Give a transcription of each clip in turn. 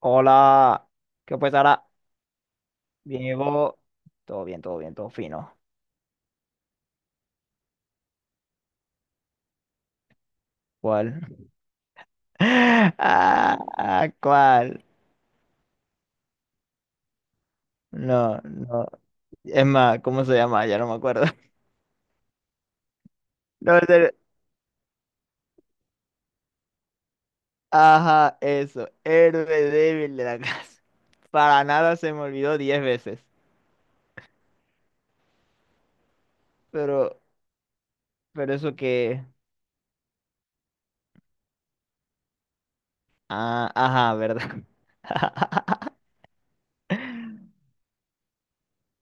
Hola, ¿qué pues ahora? Diego, todo bien, todo bien, todo fino. ¿Cuál? Ah, ¿cuál? No, no. Es más, ¿cómo se llama? Ya no me acuerdo. No, en serio. Ajá, eso. Héroe débil de la casa. Para nada se me olvidó 10 veces. Pero, pero eso que. Ah, ajá, ¿verdad?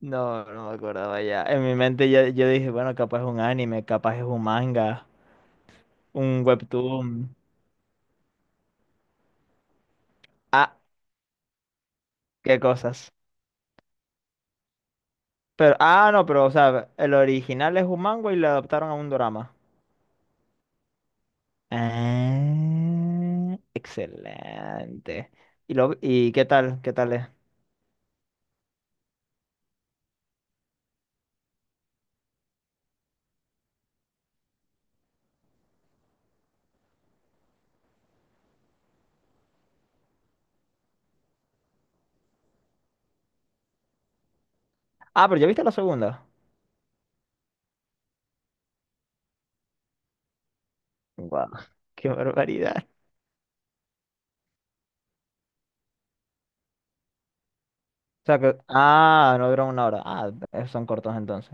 No, no me acordaba ya. En mi mente ya, yo dije, bueno, capaz es un anime, capaz es un manga, un webtoon. Ah, qué cosas. Pero, no, pero, o sea, el original es un manga y le adaptaron a un drama. Ah, excelente. ¿Y qué tal? ¿Qué tal es? Ah, pero ya viste la segunda. Guau, qué barbaridad. O sea que, no duran una hora. Son cortos entonces.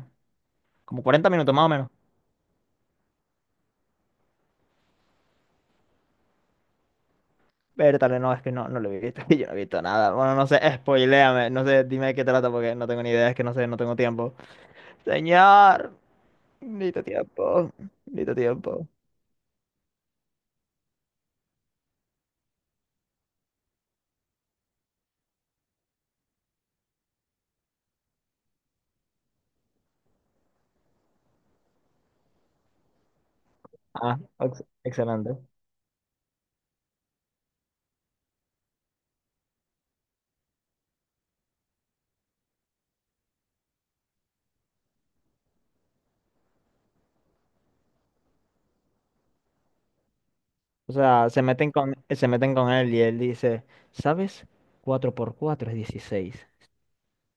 Como 40 minutos más o menos. Vértale, no, es que no lo he visto. Yo no he visto nada. Bueno, no sé, spoiléame. No sé, dime de qué trata porque no tengo ni idea. Es que no sé, no tengo tiempo. Señor, necesito tiempo. Necesito tiempo. Ah, excelente. O sea, se meten con él y él dice, ¿sabes? Cuatro por 4 es 16.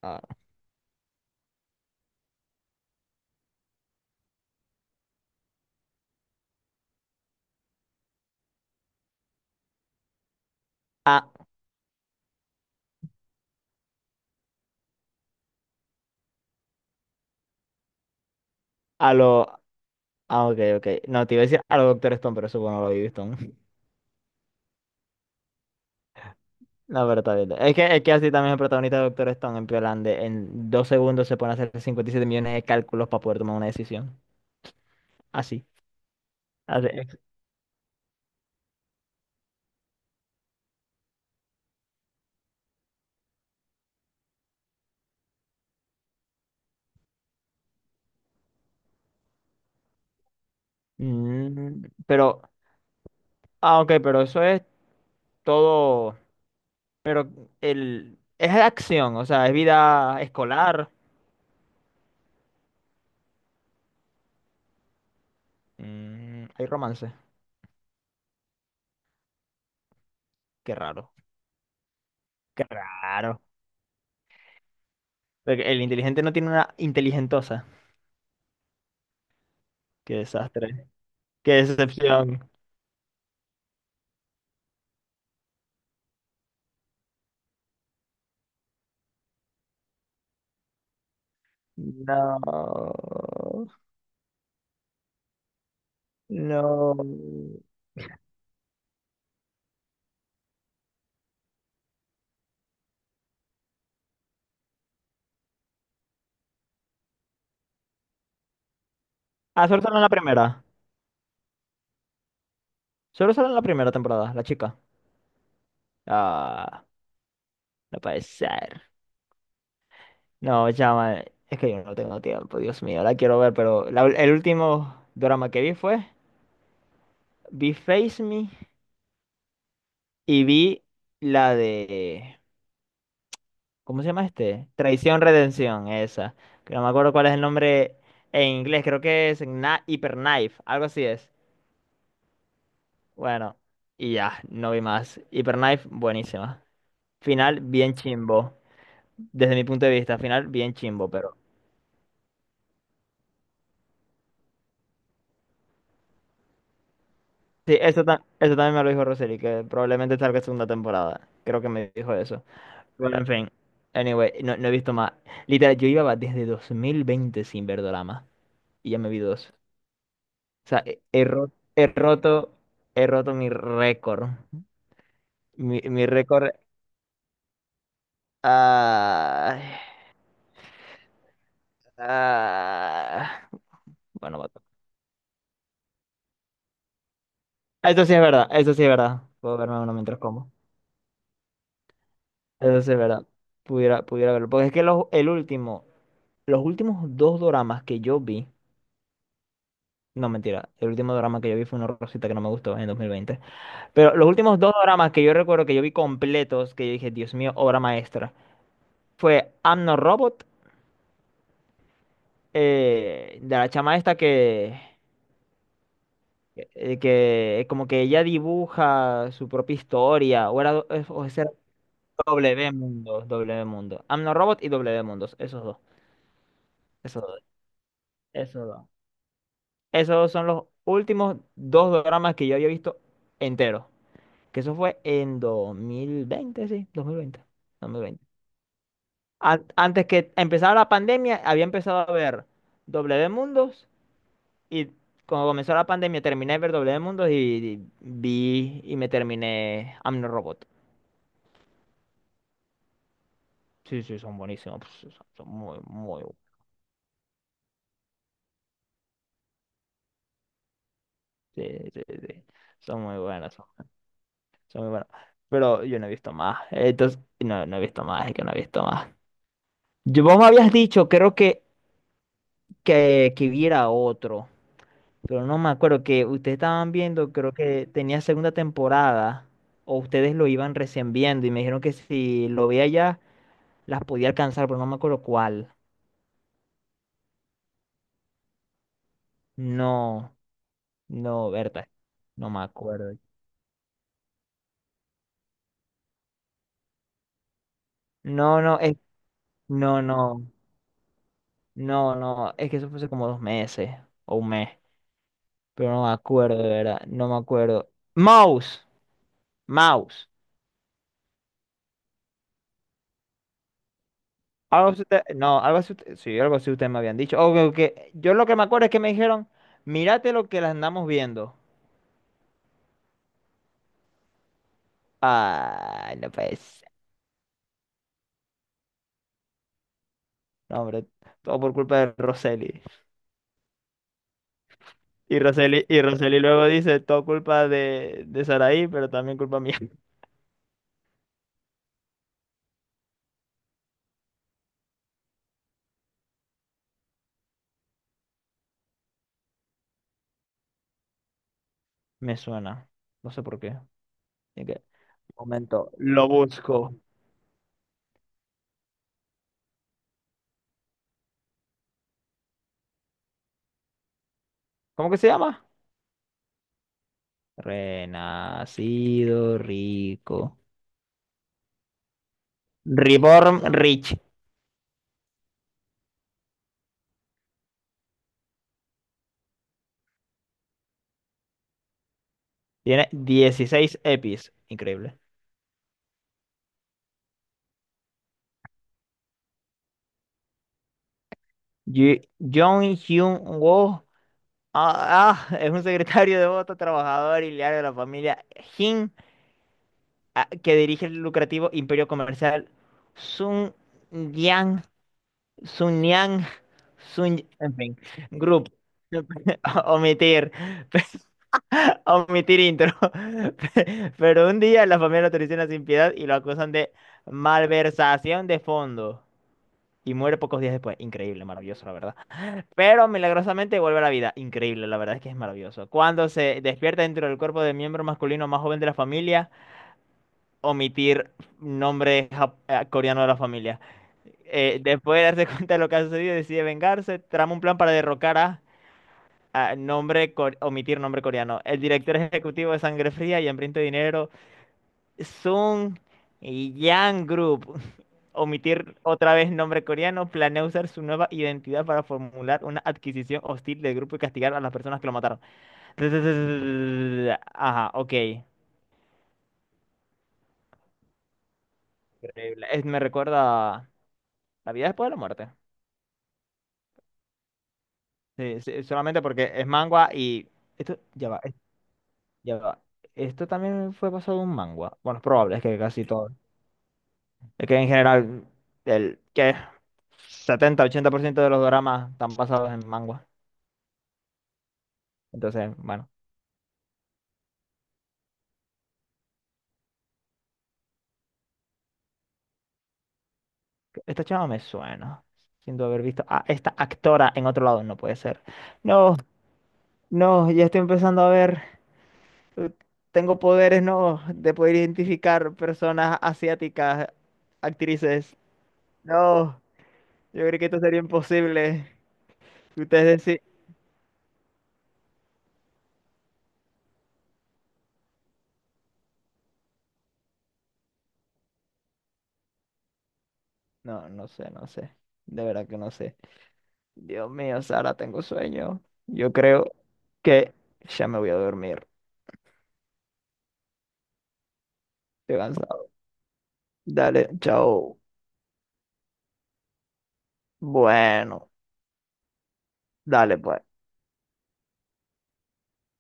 Ah, ah, a lo... Ah, ok, ok. No, te iba a decir a lo Doctor Stone, pero eso bueno, lo vi Stone. No, pero está bien. Es que así también el protagonista de Doctor Stone en Piolande en 2 segundos se pone a hacer 57 millones de cálculos para poder tomar una decisión. Así. Así. Mm. Ah, ok, pero eso es todo... Pero el... Es acción, o sea, es vida escolar. Mm, hay romance. Qué raro. Qué raro. Porque el inteligente no tiene una inteligentosa. Qué desastre. Qué decepción. No. No. Ah, solo sale en la primera. Solo sale en la primera temporada, la chica. Ah, no puede ser. No, llama. Es que yo no tengo tiempo, Dios mío. La quiero ver, pero el último drama que vi fue. Vi Face Me y vi la de. ¿Cómo se llama este? Traición Redención, esa. Que no me acuerdo cuál es el nombre en inglés, creo que es Hyper Knife, algo así es. Bueno, y ya, no vi más. Hyper Knife, buenísima. Final, bien chimbo. Desde mi punto de vista, final, bien chimbo, pero. Sí, eso, eso también me lo dijo Roseli, que probablemente salga segunda temporada. Creo que me dijo eso. Bueno, en fin. Anyway, no, no he visto más. Literal, yo iba desde 2020 sin ver drama. Y ya me vi dos. O sea, he roto mi récord. Mi récord. ah, ah, bueno, vato. Eso sí es verdad, eso sí es verdad. Puedo verme uno mientras como. Eso sí es verdad. Pudiera verlo. Porque es que el último, los últimos dos doramas que yo vi. No, mentira. El último drama que yo vi fue una rosita que no me gustó en 2020. Pero los últimos dos dramas que yo recuerdo que yo vi completos, que yo dije, Dios mío, obra maestra, fue I'm No Robot, de la chama esta que como que ella dibuja su propia historia, o era, o ese era W Mundo, W Mundo. Amno Robot y W Mundos, esos dos, esos dos, esos dos. Esos son los últimos dos dramas que yo había visto enteros, que eso fue en 2020, sí, 2020, 2020. Antes que empezara la pandemia, había empezado a ver W Mundos. Y cuando comenzó la pandemia, terminé de ver W Mundos y vi y me terminé Amno Robot. Sí, sí, son buenísimos. Pues, son, son muy, muy bu- sí, sí, sí. Son muy buenos. Son muy buenos. Pero yo no he visto más. Entonces, no, no he visto más, es que no he visto más. Vos me habías dicho, creo que, viera otro. Pero no me acuerdo que ustedes estaban viendo, creo que tenía segunda temporada. O ustedes lo iban recién viendo y me dijeron que si lo veía ya las podía alcanzar, pero no me acuerdo cuál. No, no, Berta. No me acuerdo. No, no, no, no, no, no. Es que eso fue hace como 2 meses o un mes. Pero no me acuerdo, de verdad. No me acuerdo. Mouse, mouse. No, sí, algo así ustedes me habían dicho. O yo lo que me acuerdo es que me dijeron, mírate lo que las andamos viendo. Ay, no pues. No, hombre, todo por culpa de Roseli. Y Roseli luego dice, todo culpa de Saraí, pero también culpa mía. Me suena. No sé por qué. Así que, momento, lo busco. ¿Cómo que se llama? Renacido rico. Reborn Rich. Tiene 16 EPIs. Increíble. Jong Hyun Woo. Ah, es un secretario devoto, trabajador y leal de la familia Jin, que dirige el lucrativo imperio comercial Sun Sunyang, Sun, en fin, group. Omitir, omitir intro. Pero un día la familia lo traiciona sin piedad y lo acusan de malversación de fondo. Y muere pocos días después. Increíble, maravilloso, la verdad. Pero milagrosamente vuelve a la vida. Increíble, la verdad es que es maravilloso. Cuando se despierta dentro del cuerpo del miembro masculino más joven de la familia, omitir nombre coreanos de la familia. Después de darse cuenta de lo que ha sucedido, decide vengarse, trama un plan para derrocar a omitir nombre coreano. El director ejecutivo de Sangre Fría y Hambriento de Dinero, Sung Yang Group, omitir otra vez nombre coreano, planea usar su nueva identidad para formular una adquisición hostil del grupo y castigar a las personas que lo mataron. Ajá, ok. Increíble. Me recuerda a La vida después de la muerte. Sí, sí, solamente porque es mangua y... Esto, ya va, ya va. Esto también fue pasado de un mangua. Bueno, es probable, es que casi todo. Es que en general, el que 70-80% de los dramas están basados en mangua. Entonces, bueno, esta chava me suena. Siento haber visto a esta actora en otro lado, no puede ser. No, no, ya estoy empezando a ver. eh, Tengo poderes, no, de poder identificar personas asiáticas, actrices. No, yo creo que esto sería imposible. Ustedes decís, no, no sé, no sé. De verdad que no sé. Dios mío, Sara, tengo sueño. Yo creo que ya me voy a dormir. Estoy cansado. Dale, chao. Bueno, dale pues.